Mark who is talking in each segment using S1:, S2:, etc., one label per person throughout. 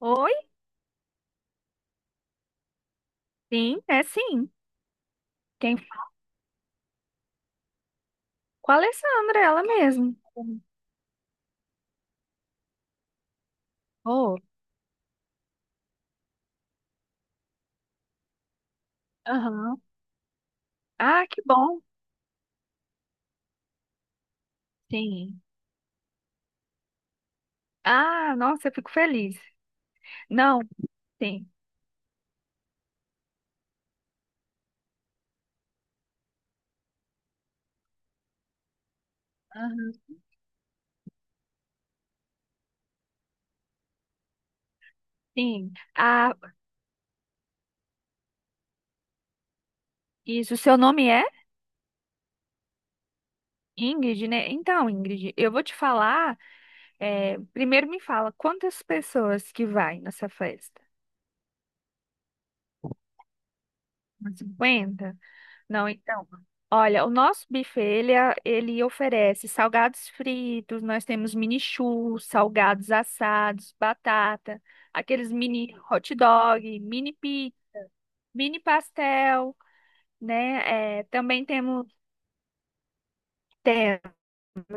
S1: Oi? Sim, é sim. Quem? Com a Alessandra, ela mesmo. Oh, aham. Ah, que bom. Sim. Ah, nossa, eu fico feliz. Não, sim. Aham, sim. Ah, isso, seu nome é Ingrid, né? Então, Ingrid, eu vou te falar. Primeiro me fala, quantas pessoas que vai nessa festa? Umas 50? Não, então. Olha, o nosso buffet, ele, ele oferece salgados fritos, nós temos mini churros, salgados assados, batata, aqueles mini hot dog, mini pastel, né? Também temos, temos,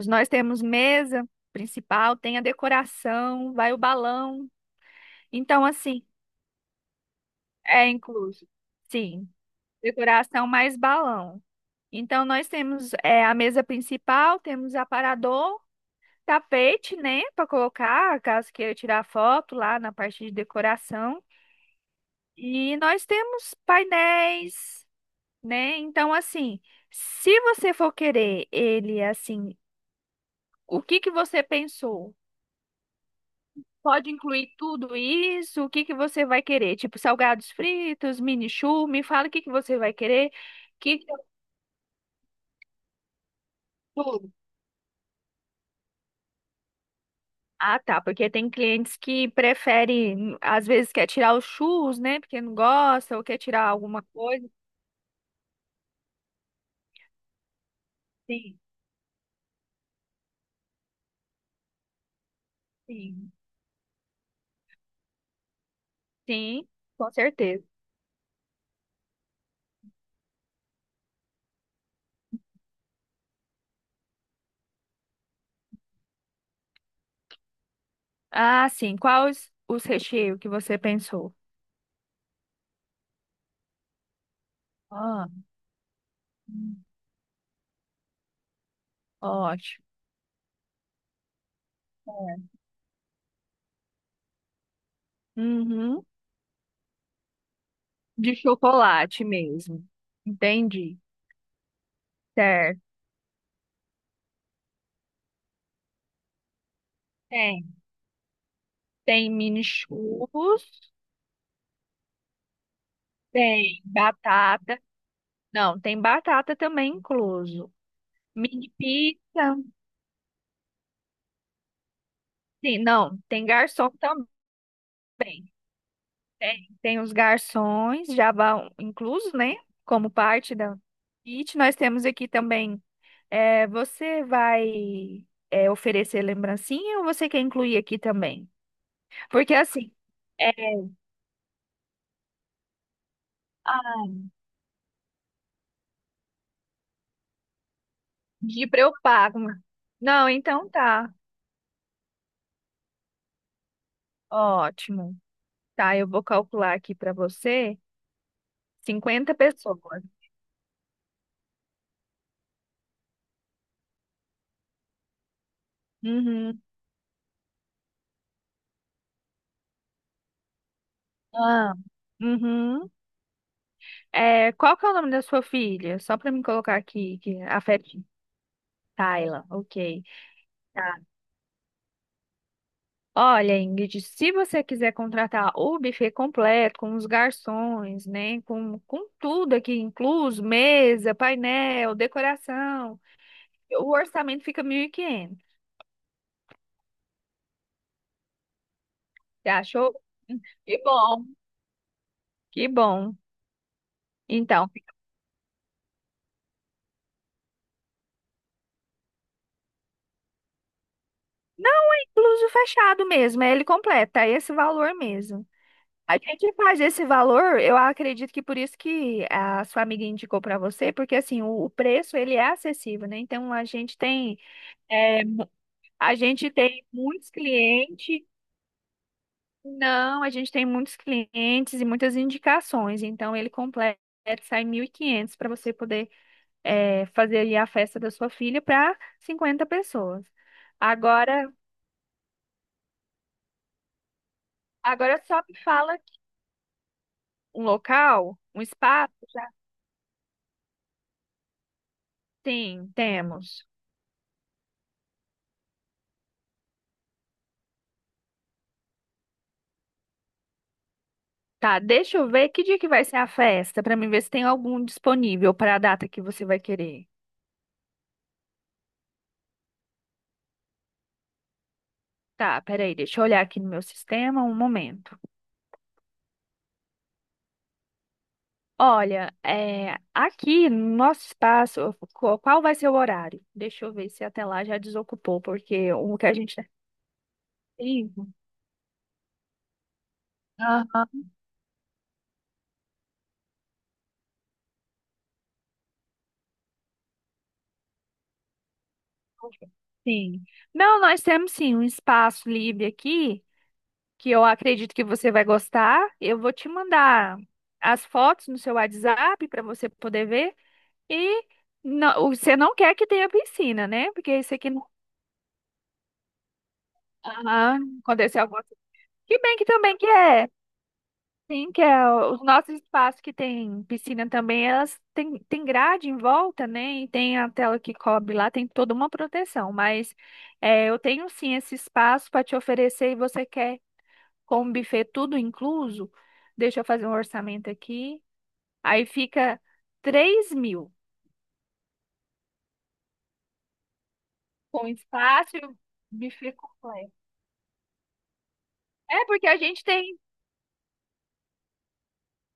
S1: nós temos mesa principal, tem a decoração, vai o balão. Então, assim, é incluso. Sim, decoração mais balão. Então, nós temos a mesa principal, temos aparador, tapete, né, para colocar, caso queira tirar foto lá na parte de decoração. E nós temos painéis, né? Então, assim, se você for querer ele assim, o que que você pensou? Pode incluir tudo isso? O que que você vai querer? Tipo, salgados fritos, mini churro, me fala o que que você vai querer. Que que eu- Tudo. Ah, tá, porque tem clientes que preferem, às vezes quer tirar os churros, né? Porque não gosta ou quer tirar alguma coisa. Sim. Sim. Sim, com certeza. Ah, sim. Quais os recheios que você pensou? Ah, hum, ótimo. É. Uhum. De chocolate mesmo. Entendi. Certo. Tem. Tem mini churros. Tem batata. Não, tem batata também incluso. Mini pizza. Sim, não, tem garçom também. Tem, tem os garçons já vão inclusos, né? Como parte da kit. Nós temos aqui também. Você vai oferecer lembrancinha ou você quer incluir aqui também? Porque assim, é, Gibra eu pago. Não, então tá. Ótimo. Tá, eu vou calcular aqui pra você 50 pessoas. Uhum. Ah. Uhum. É, qual que é o nome da sua filha? Só pra me colocar aqui, que a Tayla, ok. Tá. Olha, Ingrid, se você quiser contratar o buffet completo, com os garçons, né, com tudo aqui incluso, mesa, painel, decoração, o orçamento fica 1.500. Você achou? Que bom, que bom. Então, não é incluso fechado mesmo, é ele completo, é esse valor mesmo. A gente faz esse valor, eu acredito que por isso que a sua amiga indicou para você, porque assim, o preço ele é acessível, né? Então a gente tem eh, a gente tem muitos clientes, não, a gente tem muitos clientes e muitas indicações, então ele completa, sai 1.500 para você poder fazer aí a festa da sua filha para 50 pessoas. Agora, agora só me fala um local, um espaço, já sim, temos. Tá, deixa eu ver que dia que vai ser a festa, para mim ver se tem algum disponível para a data que você vai querer. Tá, peraí, deixa eu olhar aqui no meu sistema um momento. Olha, é, aqui no nosso espaço, qual vai ser o horário? Deixa eu ver se até lá já desocupou, porque o que a gente tem. Aham. Sim. Não, nós temos sim um espaço livre aqui, que eu acredito que você vai gostar. Eu vou te mandar as fotos no seu WhatsApp para você poder ver. E não, você não quer que tenha piscina, né? Porque isso aqui não. Aham, aconteceu alguma coisa. Que bem que também que é. Sim, que é os nossos espaços que tem piscina também, elas têm tem grade em volta, né? E tem a tela que cobre lá, tem toda uma proteção. Mas é, eu tenho sim esse espaço para te oferecer e você quer com o buffet tudo incluso? Deixa eu fazer um orçamento aqui. Aí fica 3.000 com espaço e o buffet completo. É porque a gente tem.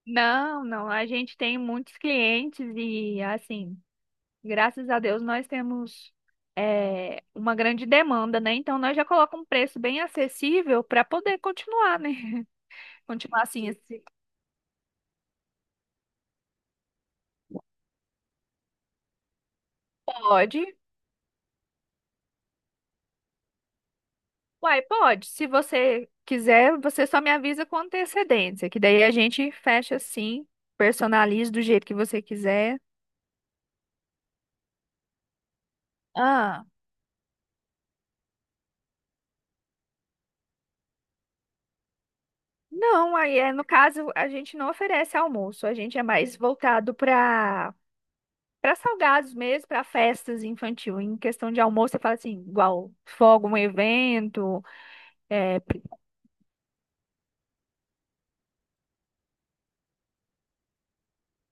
S1: Não, não, a gente tem muitos clientes e assim. Graças a Deus nós temos uma grande demanda, né? Então nós já colocamos um preço bem acessível para poder continuar, né? Continuar assim, assim. Pode. Uai, pode. Se você quiser, você só me avisa com antecedência, que daí a gente fecha assim, personaliza do jeito que você quiser. Ah, não, aí é no caso a gente não oferece almoço, a gente é mais voltado para. Para salgados mesmo, para festas infantil, em questão de almoço, você fala assim, igual fogo, um evento, é, pri-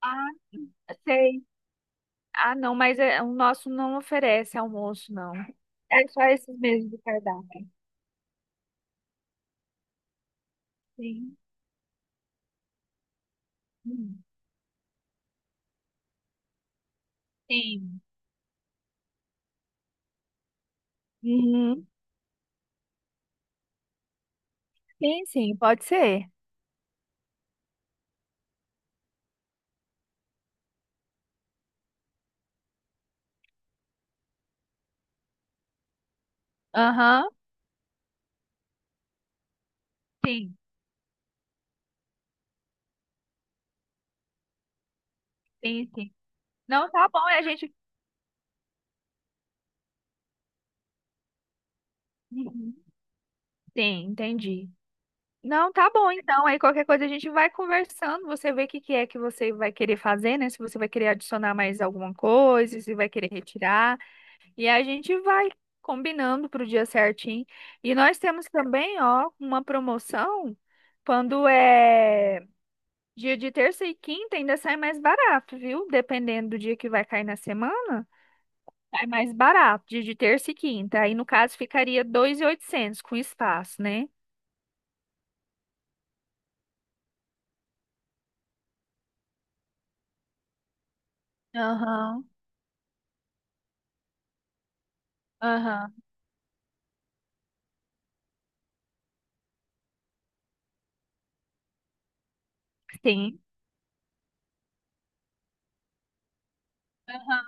S1: ah, sei. Ah, não, mas é, o nosso não oferece almoço, não. É só esses mesmo do cardápio. Sim. Hum, sim. Uhum. Sim, sim, pode ser. Aham. Sim, sim, sim. Não, tá bom, é a gente. Uhum. Sim, entendi. Não, tá bom, então. Aí qualquer coisa a gente vai conversando. Você vê o que que é que você vai querer fazer, né? Se você vai querer adicionar mais alguma coisa, se vai querer retirar. E a gente vai combinando para o dia certinho. E nós temos também, ó, uma promoção quando é dia de terça e quinta, ainda sai mais barato, viu? Dependendo do dia que vai cair na semana, sai mais barato, dia de terça e quinta. Aí, no caso, ficaria 2.800 com espaço, né? Aham, aham. Sim. Aham,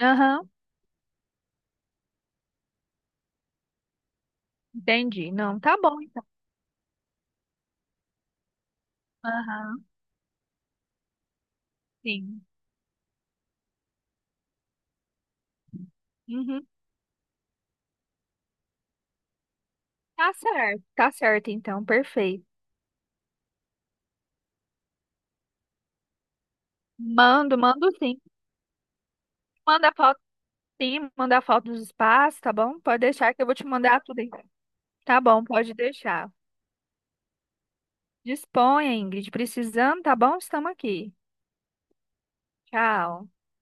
S1: aham, entendi. Não, tá bom então. Aham, sim. Uhum, tá certo, tá certo então, perfeito. Mando, mando sim. Manda foto, sim, manda foto dos espaços, tá bom? Pode deixar que eu vou te mandar tudo aí. Tá bom, pode deixar. Disponha, Ingrid, precisando, tá bom? Estamos aqui. Tchau.